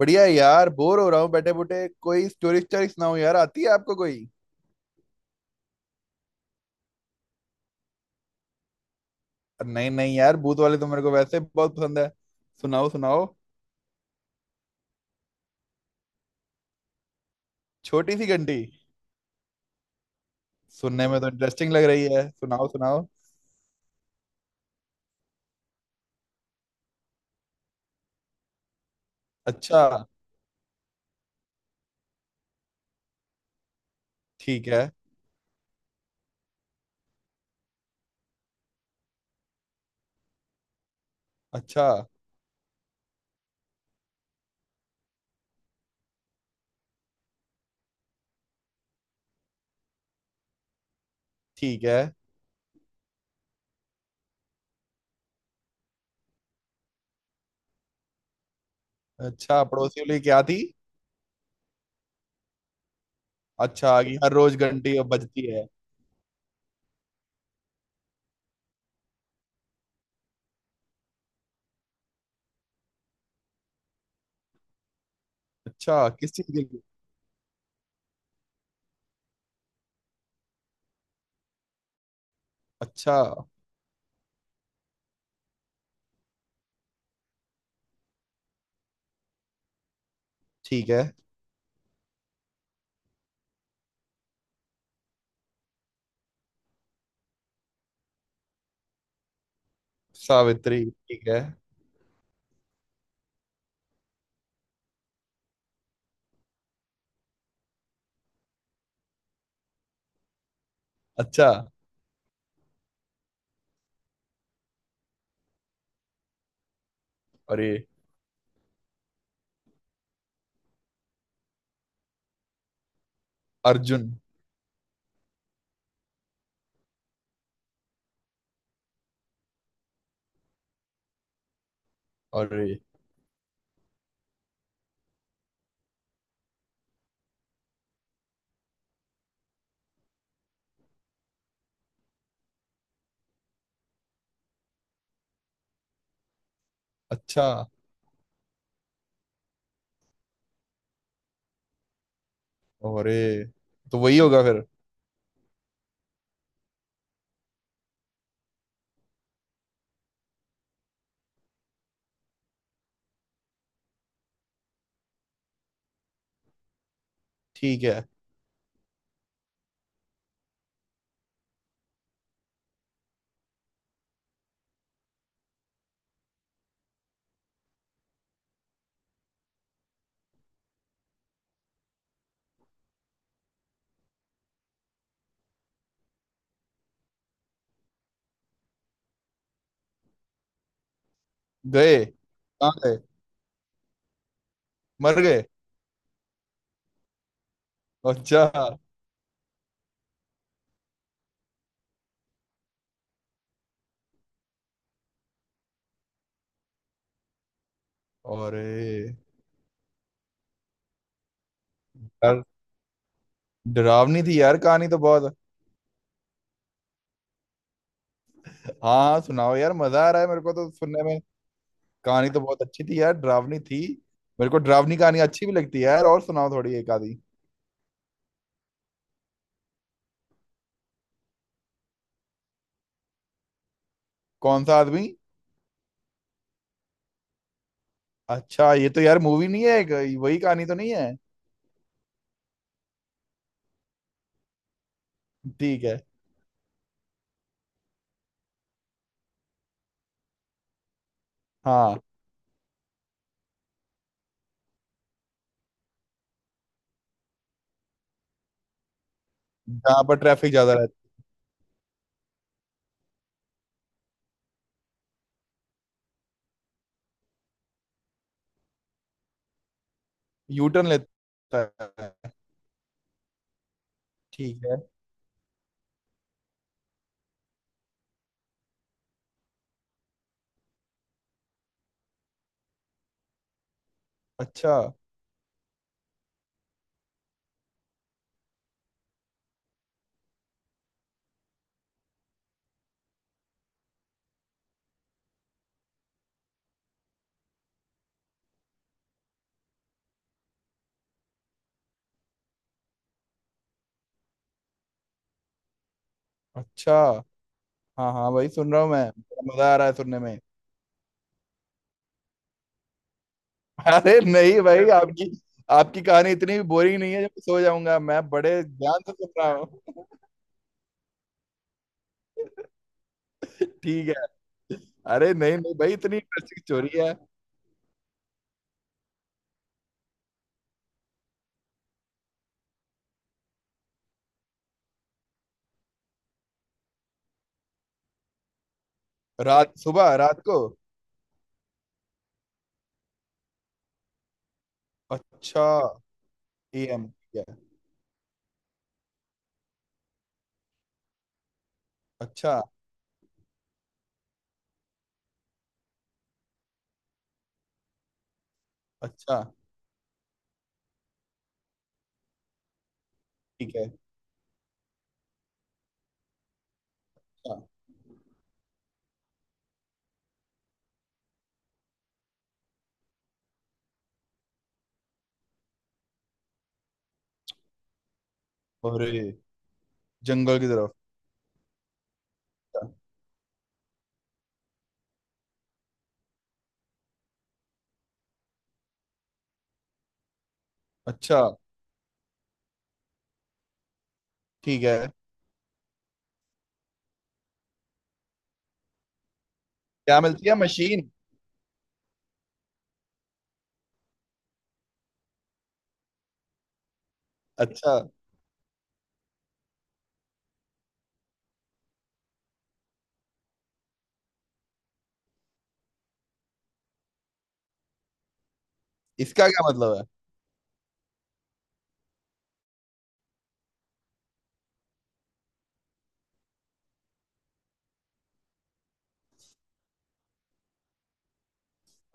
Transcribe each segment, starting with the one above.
बढ़िया है यार। बोर हो रहा हूँ बैठे बूटे। कोई स्टोरी स्टोरी सुनाओ यार। आती है आपको कोई। नहीं नहीं यार, भूत वाले तो मेरे को वैसे बहुत पसंद है। सुनाओ सुनाओ। छोटी सी घंटी। सुनने में तो इंटरेस्टिंग लग रही है, सुनाओ सुनाओ। अच्छा। ठीक है। अच्छा, ठीक है। अच्छा, पड़ोसी वाली क्या थी। अच्छा आ गई, हर रोज घंटी अब बजती है। अच्छा, किस चीज के लिए। अच्छा। ठीक है। सावित्री, ठीक है। अच्छा। अरे। अर्जुन। अरे। अच्छा। अरे। तो वही होगा फिर। ठीक है। गए कहाँ गए। मर गए। अच्छा। अरे यार, डरावनी थी यार कहानी तो बहुत। हाँ हाँ सुनाओ यार, मजा आ रहा है मेरे को तो सुनने में। कहानी तो बहुत अच्छी थी यार, डरावनी थी। मेरे को डरावनी कहानी अच्छी भी लगती है यार, और सुनाओ थोड़ी एक आधी। कौन सा आदमी। अच्छा ये तो यार मूवी नहीं है एक, वही कहानी तो नहीं है। ठीक है। हाँ। जहाँ पर ट्रैफिक ज्यादा रहता है। यू टर्न लेता है। ठीक है। अच्छा। अच्छा। हाँ हाँ भाई, सुन रहा हूँ मैं, बड़ा मजा आ रहा है सुनने में। अरे नहीं भाई, आपकी आपकी कहानी इतनी भी बोरिंग नहीं है जब मैं सो जाऊंगा। मैं बड़े ध्यान से सुन रहा हूँ। ठीक है। अरे नहीं नहीं भाई, इतनी इंटरेस्टिंग स्टोरी है। रात, सुबह, रात को। अच्छा। ए एम ठीक है। अच्छा। अच्छा। ठीक है। अच्छा। और जंगल की तरफ। अच्छा। अच्छा, ठीक है। क्या मिलती है मशीन। अच्छा। इसका क्या मतलब है।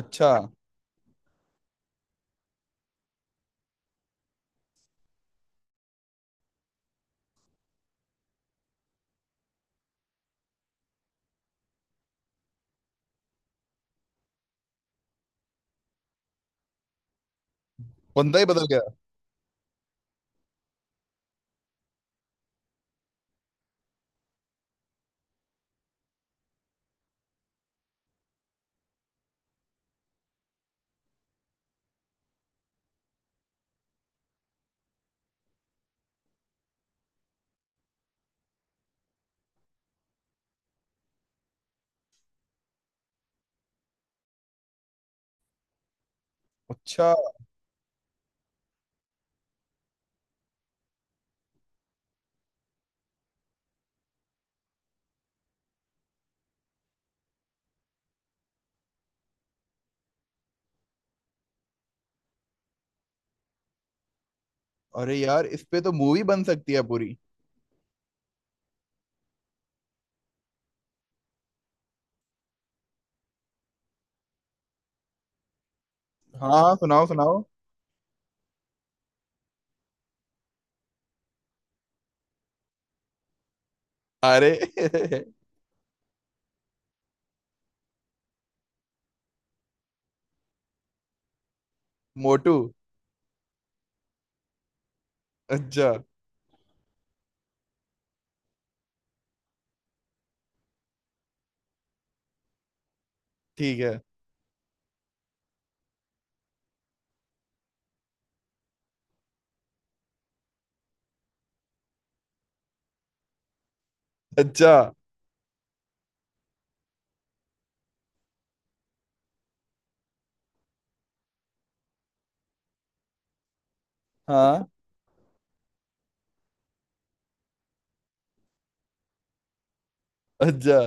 अच्छा। बंदा ही बदल गया। अच्छा। अरे यार, इस पे तो मूवी बन सकती है पूरी। हाँ सुनाओ सुनाओ। अरे मोटू। अच्छा। ठीक है। अच्छा। हाँ। अच्छा।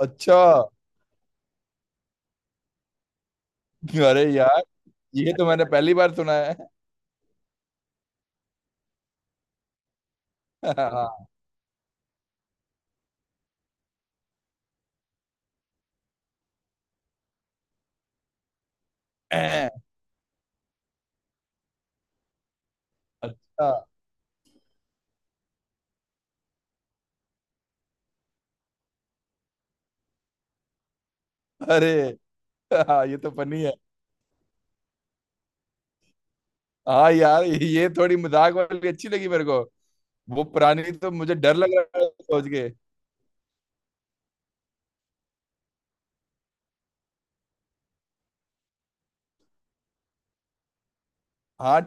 अच्छा। अरे यार, ये तो मैंने पहली बार सुना है। हाँ, अच्छा। अरे। हाँ, ये तो फनी है। हाँ यार, ये थोड़ी मजाक वाली अच्छी लगी मेरे को। वो पुरानी तो मुझे डर लग रहा है सोच के। हाँ।